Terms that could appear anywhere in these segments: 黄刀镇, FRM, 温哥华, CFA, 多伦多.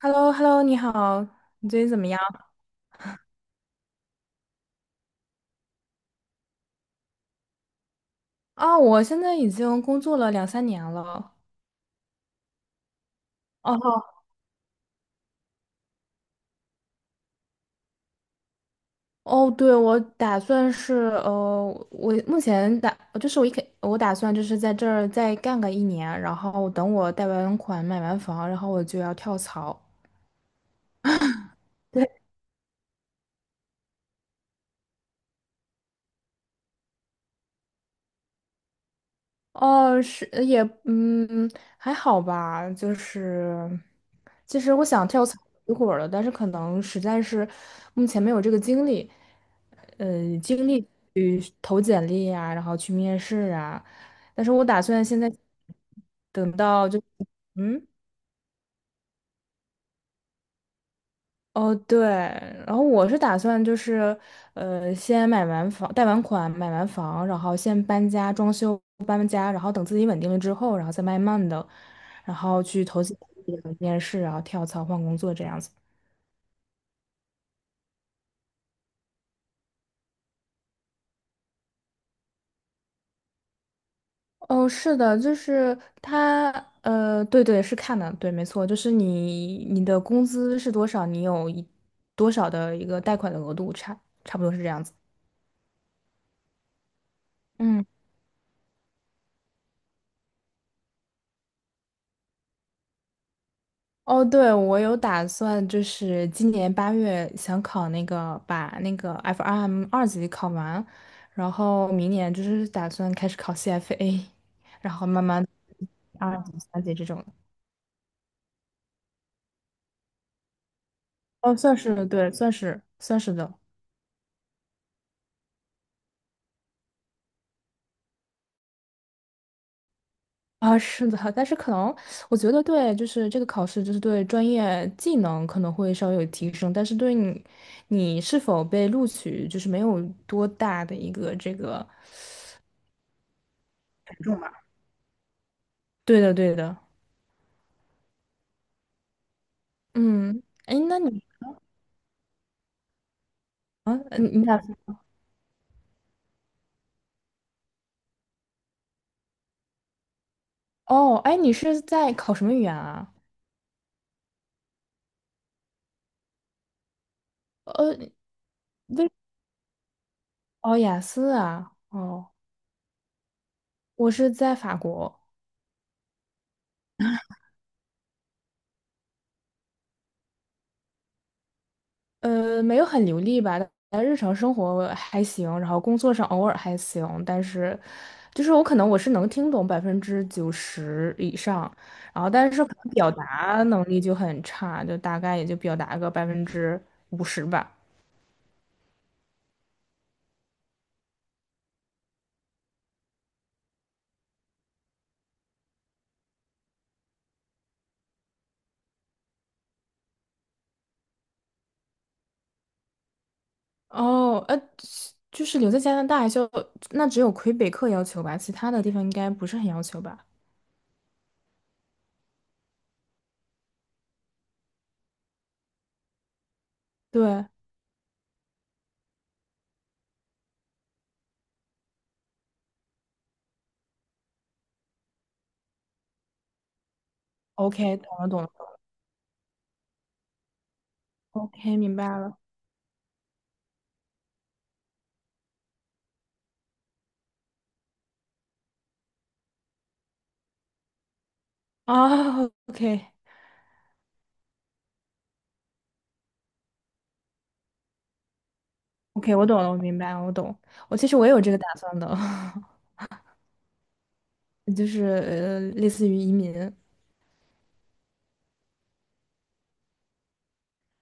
h e l l o h e l l o 你好，你最近怎么样？啊、我现在已经工作了两三年了。哦哦，对，我打算是呃，我目前打就是我一开我打算就是在这儿再干个一年，然后等我贷完款买完房，然后我就要跳槽 对，哦，是也还好吧，就是其实我想跳槽一会儿了，但是可能实在是目前没有这个精力。精力去投简历啊，然后去面试啊。但是我打算现在等到就嗯哦对，然后我是打算就是先买完房，贷完款买完房，然后先搬家装修搬家，然后等自己稳定了之后，然后再慢慢的，然后去投简历、面试，然后跳槽换工作这样子。哦，是的，就是他，对对，是看的，对，没错，就是你的工资是多少，你有多少的一个贷款的额度，差不多是这样子。嗯，哦，对，我有打算，就是今年8月想考那个，把那个 FRM 二级考完，然后明年就是打算开始考 CFA，然后慢慢2级、3级这种的。哦，算是对，算是算是的。啊，是的，但是可能我觉得对，就是这个考试，就是对专业技能可能会稍微有提升，但是对你，你是否被录取，就是没有多大的一个这个，权重吧。对的，对的，嗯，哎，那你啊，你打算哦，哎，你是在考什么语言啊？呃，为哦，雅思啊，哦，我是在法国，没有很流利吧，但日常生活还行，然后工作上偶尔还行，但是就是我可能我是能听懂90%以上，然后但是可能表达能力就很差，就大概也就表达个50%吧。哦，就是留在加拿大就那只有魁北克要求吧，其他的地方应该不是很要求吧？对，OK，懂了懂了，OK，明白了啊，OK。OK，我懂了，我明白了，我懂。我其实我也有这个打算的，就是类似于移民，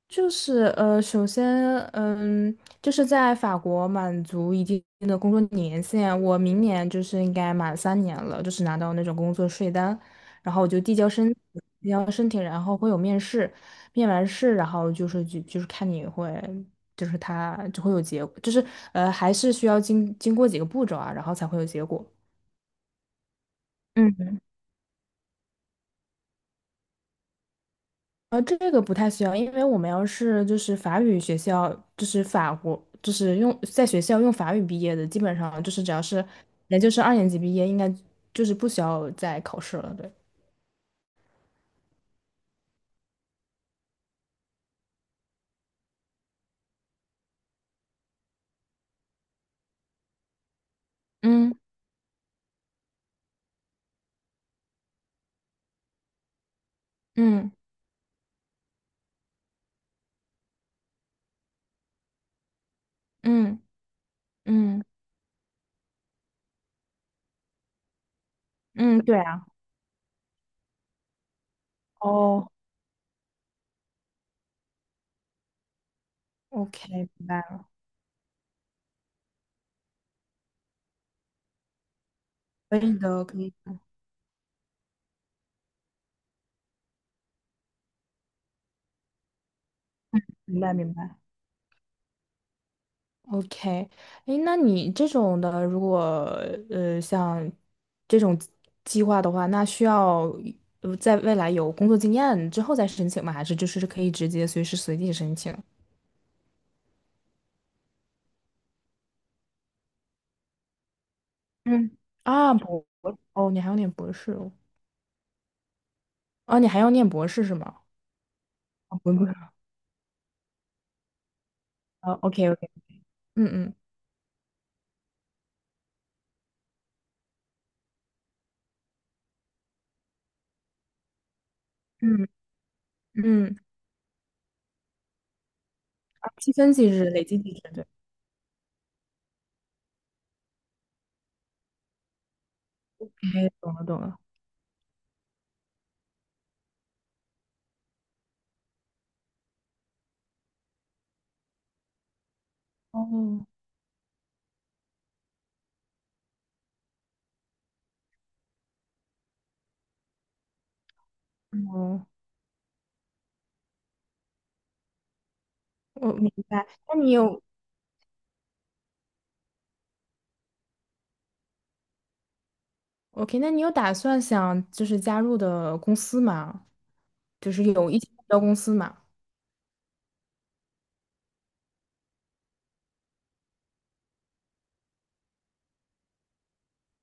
就是首先，就是在法国满足一定的工作年限，我明年就是应该满三年了，就是拿到那种工作税单，然后我就递交申请，然后会有面试，面完试，然后就是看你会，就是他就会有结果，就是还是需要经过几个步骤啊，然后才会有结果。嗯。这个不太需要，因为我们要是就是法语学校，就是法国，就是用在学校用法语毕业的，基本上就是只要是也就是2年级毕业，应该就是不需要再考试了。对，嗯嗯嗯嗯嗯，对啊，哦，OK，明白了，可以的，可以，明白明白。OK，哎，那你这种的，如果像这种计划的话，那需要在未来有工作经验之后再申请吗？还是就是可以直接随时随地申请？嗯，啊，哦，你还要念博士哦，哦，你还要念博士是吗？哦，不不，哦，OK OK，嗯嗯嗯嗯，啊，积分机制、累积机制，对，哎，懂了懂了，哦哦，我明白。那你有 OK，那你有打算想就是加入的公司吗？就是有一些目标公司吗？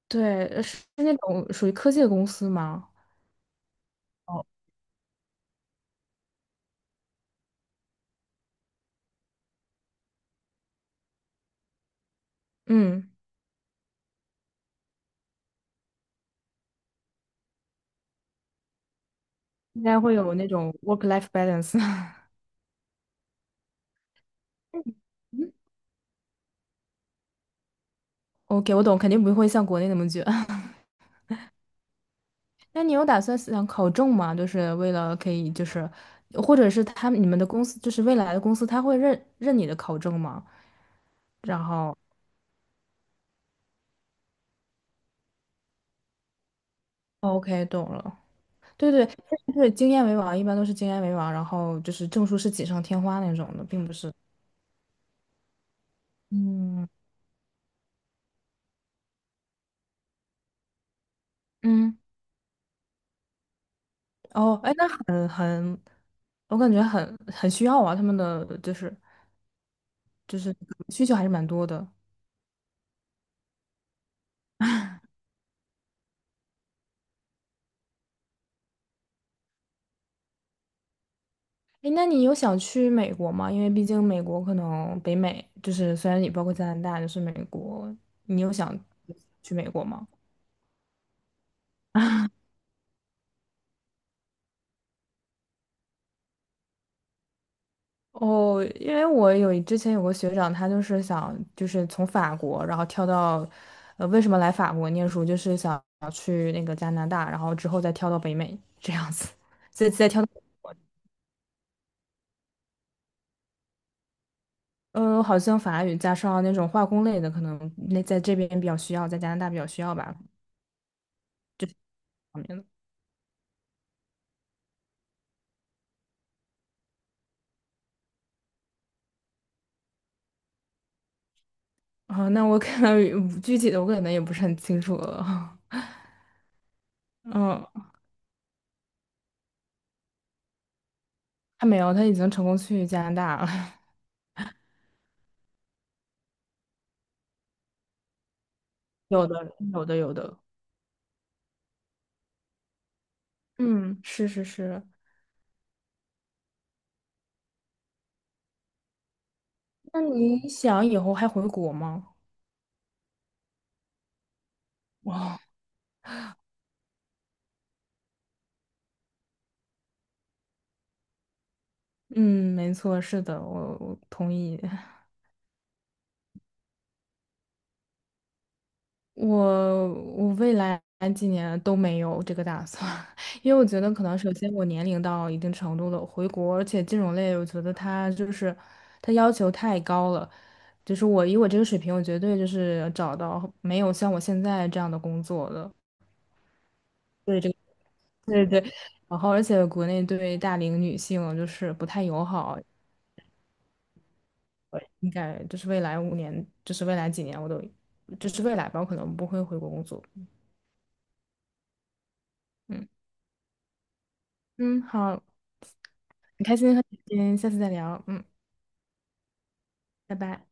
对，是是那种属于科技的公司吗？哦，嗯，应该会有那种 work-life balance。嗯 OK，我懂，肯定不会像国内那么卷。那你有打算想考证吗？就是为了可以就是，或者是他们你们的公司就是未来的公司，他会认你的考证吗？然后，OK，懂了。对对对，经验为王，一般都是经验为王，然后就是证书是锦上添花那种的，并不是。嗯嗯，哦，哎，那我感觉很需要啊，他们的就是需求还是蛮多的。哎，那你有想去美国吗？因为毕竟美国可能北美就是虽然你包括加拿大，就是美国，你有想去美国吗？哦，因为之前有个学长，他就是想就是从法国，然后跳到，为什么来法国念书，就是想去那个加拿大，然后之后再跳到北美这样子，再跳到美国好像法语加上那种化工类的，可能那在这边比较需要，在加拿大比较需要吧，方面的。啊，那我可能具体的我可能也不是很清楚了。嗯，还没有，他已经成功去加拿大了。有的，有的，有的。嗯，是是是。那你想以后还回国吗？哇，嗯，没错，是的，我同意。我我未来几年都没有这个打算，因为我觉得可能首先我年龄到一定程度了，回国，而且金融类我觉得它就是它要求太高了，就是我以我这个水平，我绝对就是找到没有像我现在这样的工作的。对这个，对对。然后，而且国内对大龄女性就是不太友好，应该就是未来5年，就是未来几年，我都就是未来吧，我可能不会回国工作。嗯嗯，好，很开心和你今天下次再聊。嗯，拜拜。